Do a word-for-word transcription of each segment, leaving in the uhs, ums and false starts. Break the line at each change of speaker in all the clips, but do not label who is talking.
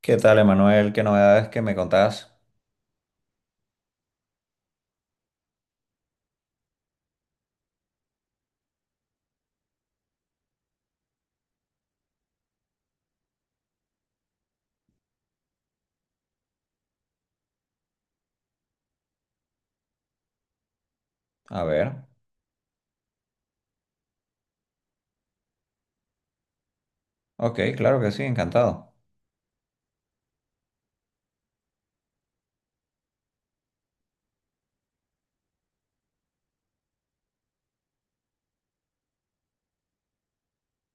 ¿Qué tal, Emanuel? ¿Qué novedades que me contás? A ver. Ok, claro que sí, encantado.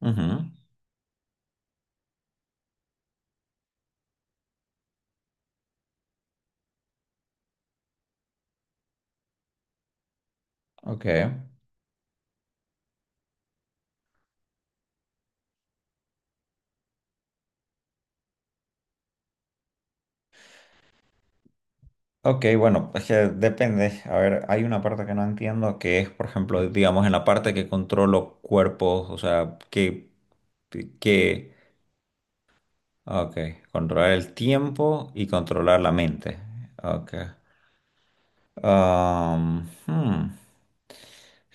Ujú. Ok. Ok, bueno, es que depende. A ver, hay una parte que no entiendo que es, por ejemplo, digamos, en la parte que controlo cuerpos, o sea, que, que, ok, controlar el tiempo y controlar la mente. Ok. Ah, hmm.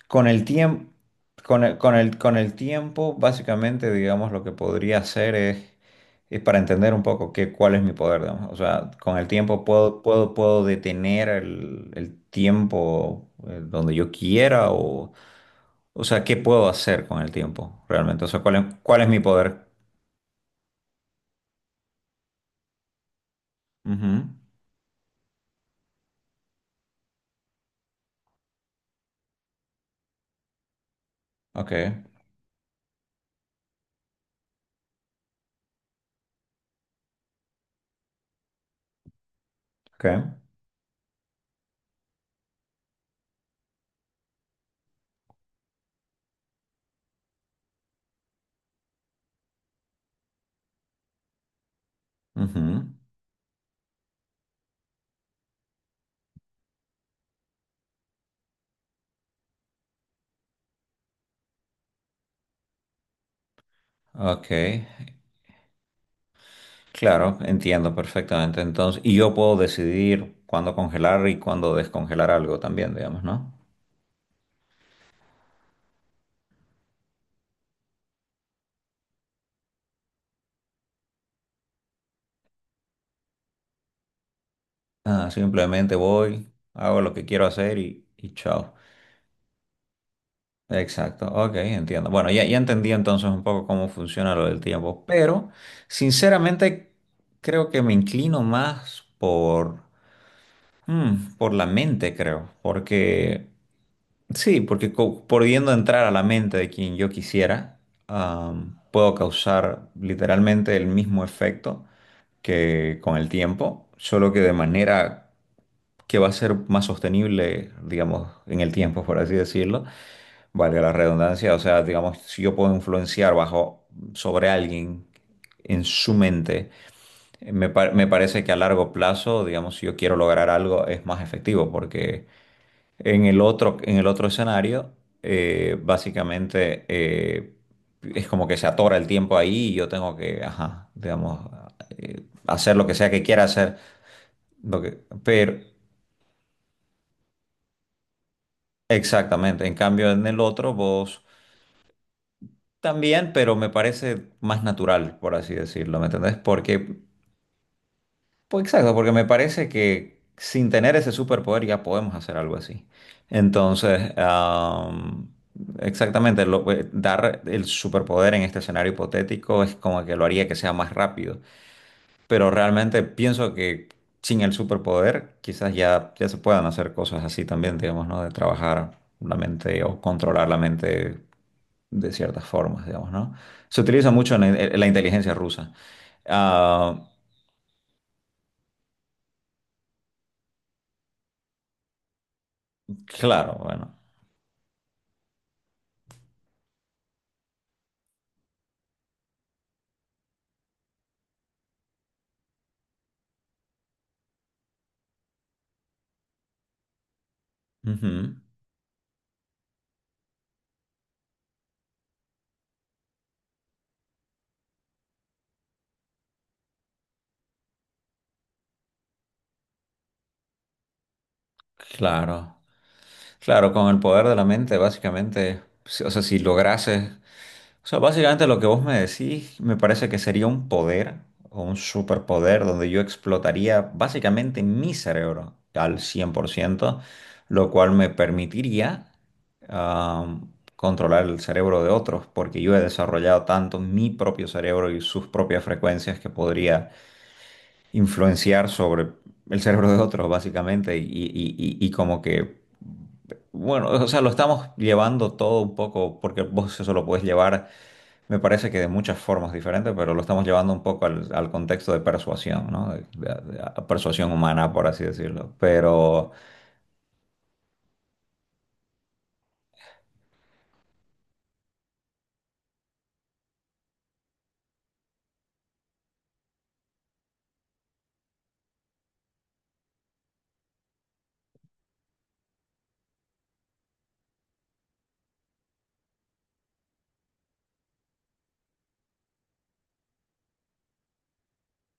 Con el tiempo, con el, con el- con el tiempo, básicamente, digamos, lo que podría hacer es, es para entender un poco qué, cuál es mi poder, digamos. O sea, con el tiempo puedo, puedo, puedo detener el, el tiempo eh, donde yo quiera o, o sea, ¿qué puedo hacer con el tiempo realmente? O sea, ¿cuál es, cuál es mi poder? Ujú. Ok, ok. Ujú. Ok. Claro, entiendo perfectamente. Entonces, y yo puedo decidir cuándo congelar y cuándo descongelar algo también, digamos, ¿no? Ah, simplemente voy, hago lo que quiero hacer y, y chao. Exacto, ok, entiendo. Bueno, ya, ya entendí entonces un poco cómo funciona lo del tiempo, pero sinceramente creo que me inclino más por, mm, por la mente, creo, porque sí, porque co- pudiendo entrar a la mente de quien yo quisiera, am, puedo causar literalmente el mismo efecto que con el tiempo, solo que de manera que va a ser más sostenible, digamos, en el tiempo, por así decirlo, valga la redundancia. O sea, digamos, si yo puedo influenciar bajo sobre alguien en su mente, me, pa- me parece que a largo plazo, digamos, si yo quiero lograr algo, es más efectivo porque en el otro, en el otro escenario, eh, básicamente eh, es como que se atora el tiempo ahí y yo tengo que, ajá, digamos, eh, hacer lo que sea que quiera hacer. Lo que, pero, exactamente, en cambio en el otro vos también, pero me parece más natural, por así decirlo, ¿me entendés? Porque pues exacto, porque me parece que sin tener ese superpoder ya podemos hacer algo así. Entonces, am, exactamente, lo- eh, dar el superpoder en este escenario hipotético es como que lo haría que sea más rápido. Pero realmente pienso que sin el superpoder quizás ya, ya se puedan hacer cosas así también, digamos, ¿no? De trabajar la mente o controlar la mente de ciertas formas, digamos, ¿no? Se utiliza mucho en, en la inteligencia rusa. Ah, claro, bueno. Ujú. Claro, claro, con el poder de la mente, básicamente, si- o sea, si lograses, o sea, básicamente lo que vos me decís, me parece que sería un poder o un superpoder donde yo explotaría básicamente mi cerebro al cien por ciento, lo cual me permitiría am, controlar el cerebro de otros, porque yo he desarrollado tanto mi propio cerebro y sus propias frecuencias que podría influenciar sobre el cerebro de otros, básicamente, y, y- y- y como que, bueno, o sea, lo estamos llevando todo un poco, porque vos eso lo puedes llevar, me parece que de muchas formas diferentes, pero lo estamos llevando un poco al, al contexto de persuasión, ¿no? De, de- de- a persuasión humana, por así decirlo. Pero,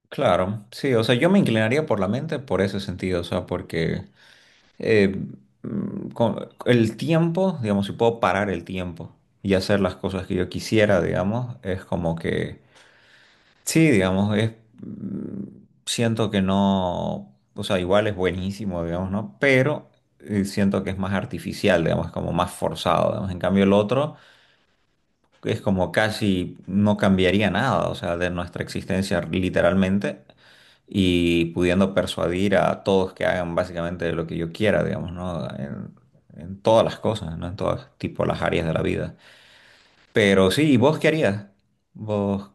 claro, sí, o sea, yo me inclinaría por la mente por ese sentido, o sea, porque... eh, mm, con el tiempo, digamos, si puedo parar el tiempo y hacer las cosas que yo quisiera, digamos, es como que, sí, digamos, es, mm, siento que no, o sea, igual es buenísimo, digamos, ¿no? Pero eh, siento que es más artificial, digamos, es como más forzado, digamos. En cambio, el otro es como casi no cambiaría nada, o sea, de nuestra existencia literalmente y pudiendo persuadir a todos que hagan básicamente lo que yo quiera, digamos, ¿no? En, en todas las cosas, ¿no? En todas tipo las áreas de la vida. Pero sí, ¿y vos qué harías? Vos...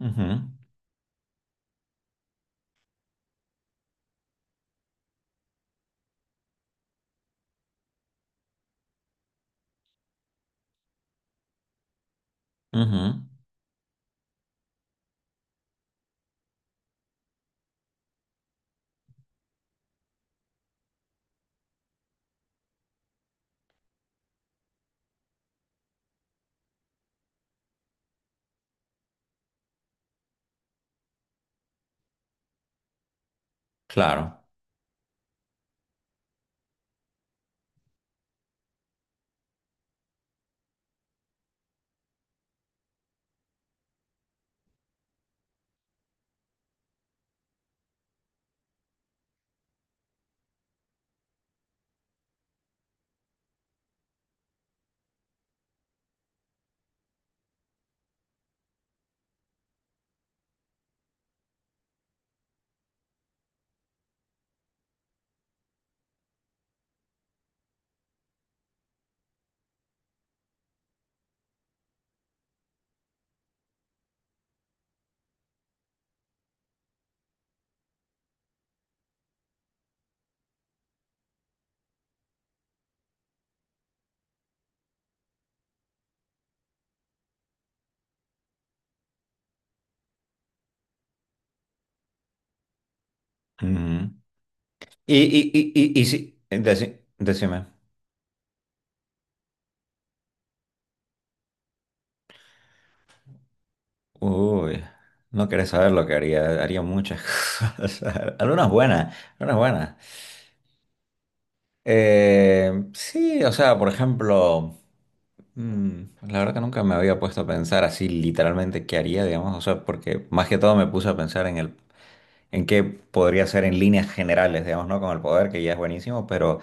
Ujú, ujú, claro. Ujú. Y, y, y, y, y sí, deci- decime. Uy, no querés saber lo que haría. Haría muchas cosas. Algunas buenas, algunas buenas. Eh, sí, o sea, por ejemplo... Mm, la verdad que nunca me había puesto a pensar así literalmente qué haría, digamos, o sea, porque más que todo me puse a pensar en el, en qué podría ser en líneas generales, digamos, ¿no? Con el poder, que ya es buenísimo, pero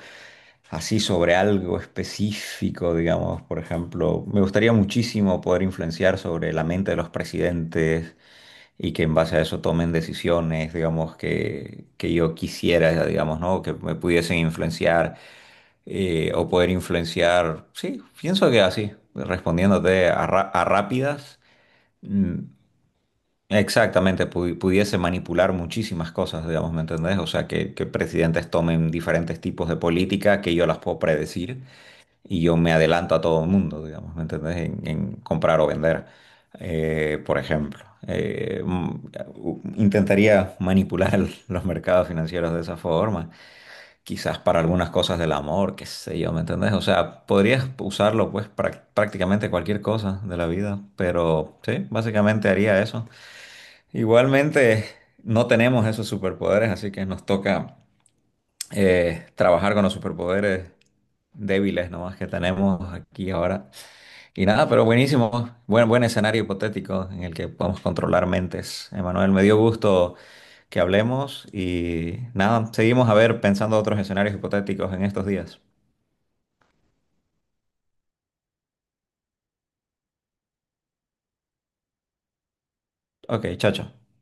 así sobre algo específico, digamos, por ejemplo, me gustaría muchísimo poder influenciar sobre la mente de los presidentes y que en base a eso tomen decisiones, digamos, que, que yo quisiera, digamos, ¿no? Que me pudiesen influenciar eh, o poder influenciar. Sí, pienso que así, respondiéndote a, ra- a rápidas, mm, exactamente, pu- pudiese manipular muchísimas cosas, digamos, ¿me entendés? O sea, que, que presidentes tomen diferentes tipos de política que yo las puedo predecir y yo me adelanto a todo el mundo, digamos, ¿me entendés? En, en comprar o vender, eh, por ejemplo. Eh, mm, u- intentaría manipular los mercados financieros de esa forma quizás para algunas cosas del amor, qué sé yo, ¿me entendés? O sea, podrías usarlo pues para prácticamente cualquier cosa de la vida, pero sí, básicamente haría eso. Igualmente, no tenemos esos superpoderes, así que nos toca eh, trabajar con los superpoderes débiles nomás que tenemos aquí ahora. Y nada, pero buenísimo. Buen, buen escenario hipotético en el que podemos controlar mentes. Emanuel, me dio gusto que hablemos y nada, seguimos a ver pensando otros escenarios hipotéticos en estos días. Ok, chao, chao.